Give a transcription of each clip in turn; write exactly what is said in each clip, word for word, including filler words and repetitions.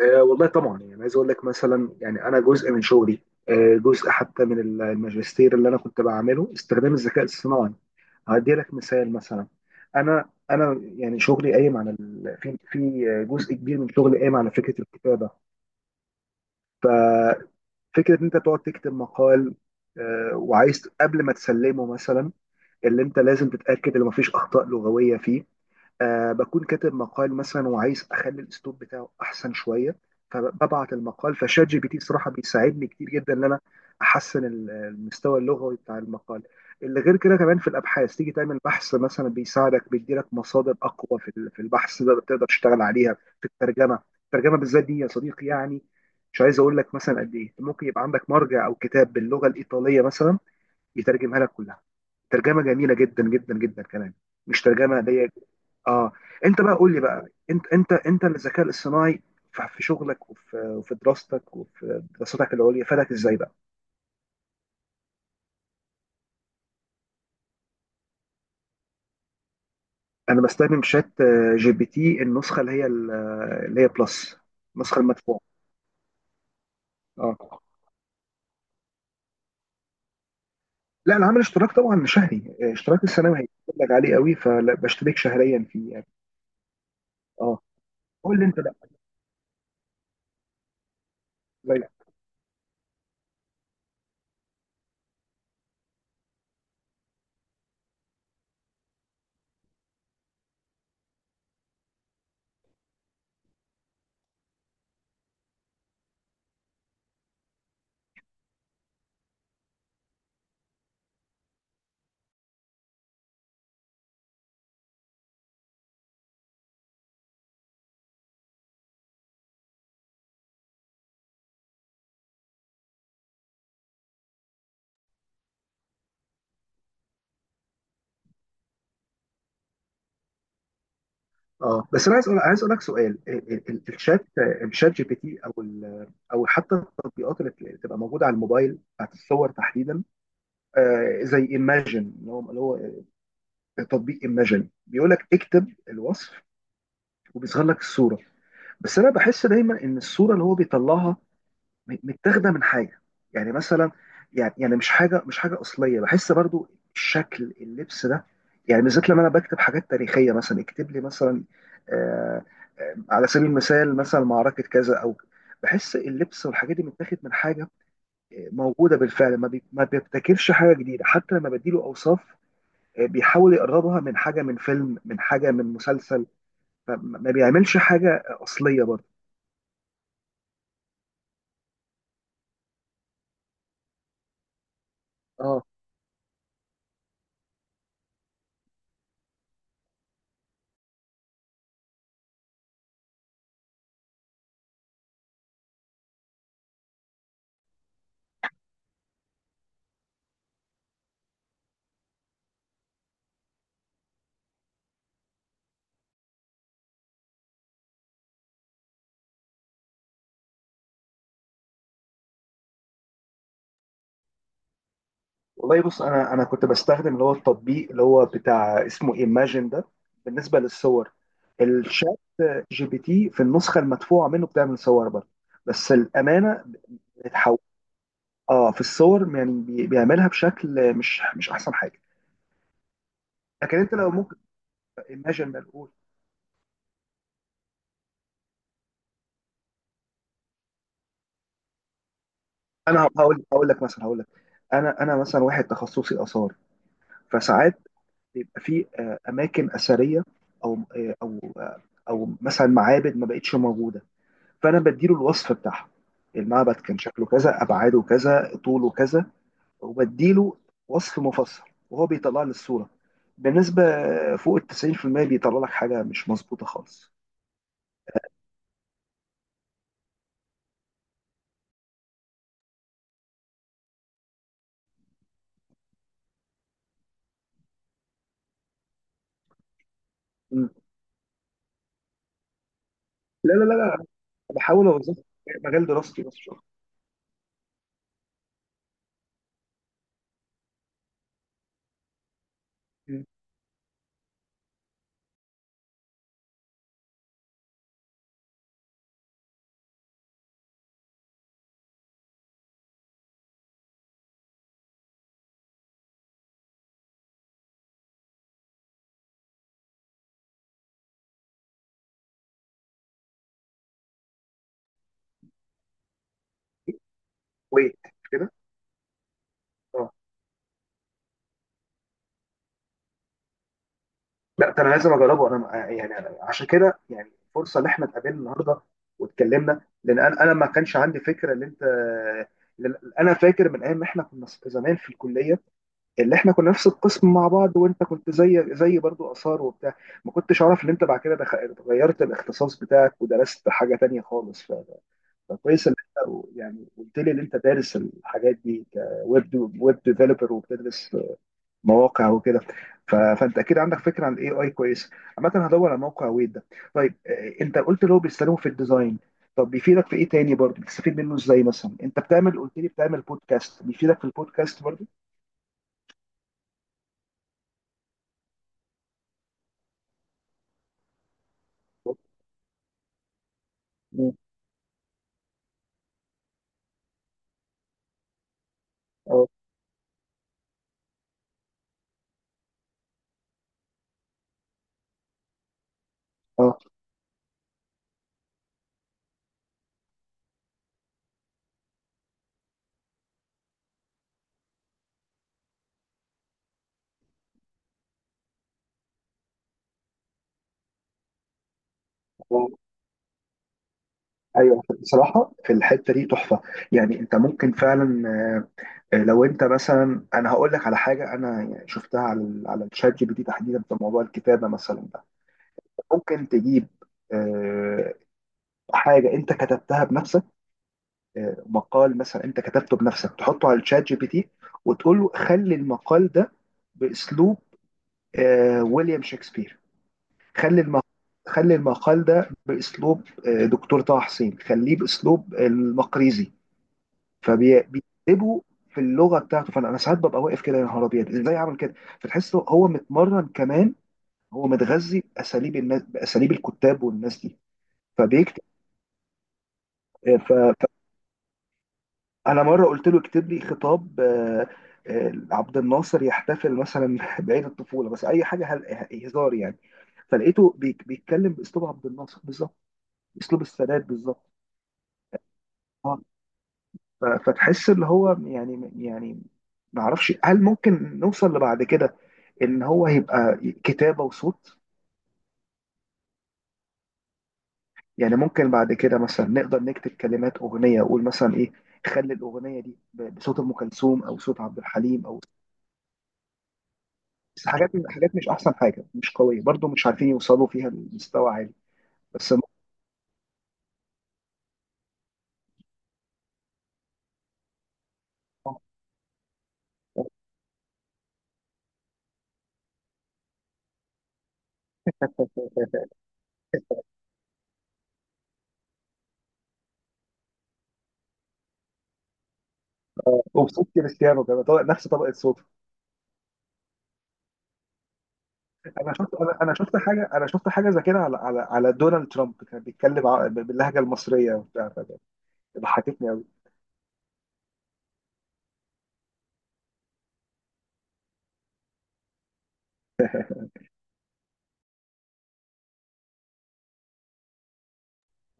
آه، والله طبعا، يعني عايز اقول لك مثلا، يعني انا جزء من شغلي. آه جزء حتى من الماجستير اللي انا كنت بعمله استخدام الذكاء الصناعي. هدي لك مثال مثلا. انا انا يعني شغلي قايم على ال... في في جزء كبير من شغلي قايم على فكره الكتابه. ففكره ان انت تقعد تكتب مقال، آه وعايز قبل ما تسلمه مثلا اللي انت لازم تتاكد ان مفيش اخطاء لغويه فيه. آه بكون كاتب مقال مثلا وعايز اخلي الاسلوب بتاعه احسن شويه، فببعت المقال فشات جي بي تي. صراحه بيساعدني كتير جدا ان انا احسن ال- المستوى اللغوي بتاع المقال. اللي غير كده كمان في الابحاث، تيجي تعمل بحث مثلا بيساعدك، بيديلك مصادر اقوى في ال- في البحث ده تقدر تشتغل عليها. في الترجمه، الترجمه بالذات دي يا صديقي، يعني مش عايز اقول لك مثلا قد ايه، ممكن يبقى عندك مرجع او كتاب باللغه الايطاليه مثلا، يترجمها لك كلها ترجمه جميله جدا جدا جدا كمان، مش ترجمه ضيقه. اه، انت بقى قول لي بقى، انت انت انت الذكاء الصناعي ف- في شغلك وفي وفي دراستك، وفي دراستك العليا، فادك ازاي بقى؟ انا بستخدم شات، آه، جي بي تي النسخه اللي هي ال- آه، اللي هي بلس، النسخه المدفوعه. اه، لا انا عامل اشتراك طبعا شهري، آه، اشتراك السنوي هيقول لك عليه قوي، فبشترك شهريا فيه يعني. اه، قول لي انت بقى، زي. اه، بس انا عايز أقول... عايز اقول لك سؤال، ال- ال- ال- الشات الشات جي بي تي او ال... او حتى التطبيقات اللي بت- بتبقى موجوده على الموبايل، بتاعت الصور تحديدا. آه زي ايماجن، اللي هو اللي هو تطبيق ايماجن، بيقول لك اكتب الوصف وبيظهر لك الصوره. بس انا بحس دايما ان الصوره اللي هو بيطلعها م- متاخده من حاجه، يعني مثلا، يعني يعني مش حاجه مش حاجه اصليه بحس برضو. الشكل، اللبس ده، يعني بالذات لما انا بكتب حاجات تاريخيه مثلا، اكتب لي مثلا، آه آه، على سبيل المثال مثلا معركه كذا او، بحس اللبس والحاجات دي متاخد من حاجه آه، موجوده بالفعل. ما بي- ما بيبتكرش حاجه جديده، حتى لما بديله اوصاف آه، بيحاول يقربها من حاجه من فيلم، من حاجه من مسلسل. فما ما بيعملش حاجه اصليه برضو. اه، والله بص، انا انا كنت بستخدم اللي هو التطبيق اللي هو بتاع اسمه ايماجن ده بالنسبه للصور. الشات جي بي تي في النسخه المدفوعه منه بتعمل صور برضه، بس الامانه بتحول. اه، في الصور يعني بي- بيعملها بشكل مش مش احسن حاجه. لكن انت لو ممكن، ايماجن ده الاول. انا هقول هقول لك مثلا، هقول لك، انا انا مثلا واحد تخصصي اثار، فساعات بيبقى في آه، اماكن اثريه، او آه، او آه، او مثلا معابد ما بقتش موجوده، فانا بديله الوصف بتاعها: المعبد كان شكله كذا، ابعاده كذا، طوله كذا، وبديله وصف مفصل، وهو بيطلع لي الصوره. بالنسبه فوق ال تسعين في المية بيطلع لك حاجه مش مظبوطه خالص. م. لا، لا، لا، لا، بحاول اوظف مجال دراستي بس شغل. م. ويت كده. اه، لا ده انا لازم اجربه. انا م- يعني أنا عشان كده، يعني فرصه ان احنا اتقابلنا النهارده واتكلمنا، لان انا انا ما كانش عندي فكره ان انت، لأن انا فاكر من ايام ما احنا كنا زمان في الكليه، اللي احنا كنا نفس القسم مع بعض، وانت كنت زي زي برضو اثار وبتاع، ما كنتش اعرف ان انت بعد كده دخ- غيرت الاختصاص بتاعك ودرست حاجه تانية خالص. ف- فكويس ان انت يعني قلت لي ان انت دارس الحاجات دي، كويب ويب ديفلوبر، وبتدرس مواقع وكده. ف- فانت اكيد عندك فكره عن الاي اي كويس. عامه هدور على موقع ويب ده. طيب اه، انت قلت له بيستخدمه في الديزاين، طب بيفيدك في ايه تاني؟ برضو بتستفيد منه ازاي؟ مثلا انت بتعمل، قلت لي بتعمل بودكاست، بيفيدك في البودكاست برضو؟ اه، اه، ايوه، بصراحه في الحته دي تحفه، يعني انت ممكن فعلا، آه، لو انت مثلا، انا هقول لك على حاجه انا يعني شفتها على ال- على الشات جي بي تي تحديدا، في موضوع الكتابه مثلا ده، ممكن تجيب آه، حاجه انت كتبتها بنفسك، آه، مقال مثلا انت كتبته بنفسك، تحطه على الشات جي بي تي وتقول له خلي المقال ده باسلوب آه، ويليام شكسبير، خلي المقال خلي المقال ده باسلوب آه، دكتور طه حسين، خليه باسلوب المقريزي، فبيكتبوا في اللغه بتاعته. فانا، أنا ساعات ببقى واقف كده يا نهار ابيض، ازاي عمل كده؟ فتحس هو متمرن كمان، هو متغذي باساليب الناس، باساليب الكتاب والناس دي فبيكتب. ف- فانا مره قلت له اكتب لي خطاب آه، آه، عبد الناصر يحتفل مثلا بعيد الطفوله، بس اي حاجه هل- هزار يعني، فلقيته بيك- بيتكلم باسلوب عبد الناصر بالظبط، اسلوب السادات بالظبط. اه، ف- فتحس اللي هو، يعني يعني ما اعرفش هل ممكن نوصل لبعد كده، ان هو هيبقى كتابه وصوت. يعني ممكن بعد كده مثلا نقدر نكتب كلمات اغنيه، اقول مثلا ايه، خلي الاغنيه دي ب- بصوت ام كلثوم، او صوت عبد الحليم، او، بس حاجات حاجات مش احسن حاجه، مش قويه برضو، مش عارفين يوصلوا فيها لمستوى عالي. بس وبصوت كريستيانو كمان، طبق نفس طبقه صوته. انا شفت انا انا شفت حاجه انا شفت حاجه زي كده على على على دونالد ترامب، كان بيتكلم ع- باللهجه المصريه وبتاع، فده ضحكتني قوي.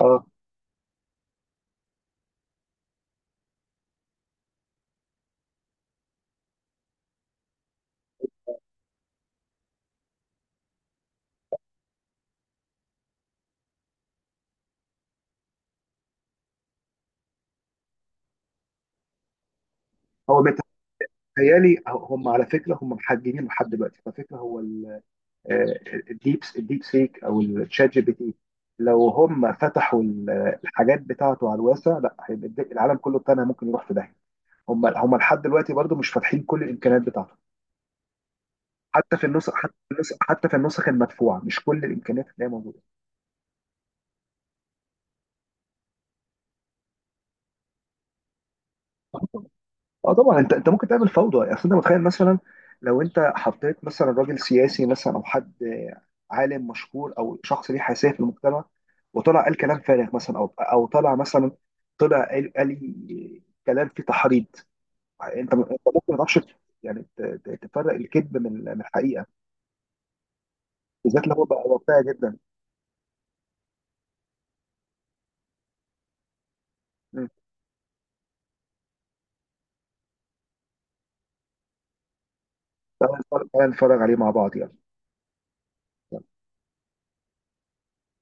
اه، هو بيت- تخيلي، هم على فكره، هم محججين لحد دلوقتي، على فكره هو ال- آه، الديب الديب سيك او الشات جي بي تي، لو هم فتحوا ال- الحاجات بتاعته على الواسع، لا هيبقى الد- العالم كله بتاعنا ممكن يروح في داهيه. هم هم لحد دلوقتي برضو مش فاتحين كل الامكانيات بتاعته، حتى في النسخ حتى في النسخ حتى في النسخ المدفوعه، مش كل الامكانيات اللي هي موجوده. اه، طبعا، انت انت ممكن تعمل فوضى، يعني اصل انت متخيل مثلا، لو انت حطيت مثلا راجل سياسي مثلا، او حد عالم مشهور، او شخص ليه حساسيه في المجتمع، وطلع قال كلام فارغ مثلا، او او طلع مثلا، طلع قال, قال كلام فيه تحريض، انت انت ممكن ما تعرفش يعني ت- ت- تفرق الكذب من من الحقيقه، بالذات لو هو بقى واقعي جدا. مم. تعالى نتفرج، تعالى نتفرج عليه مع بعض، يلا.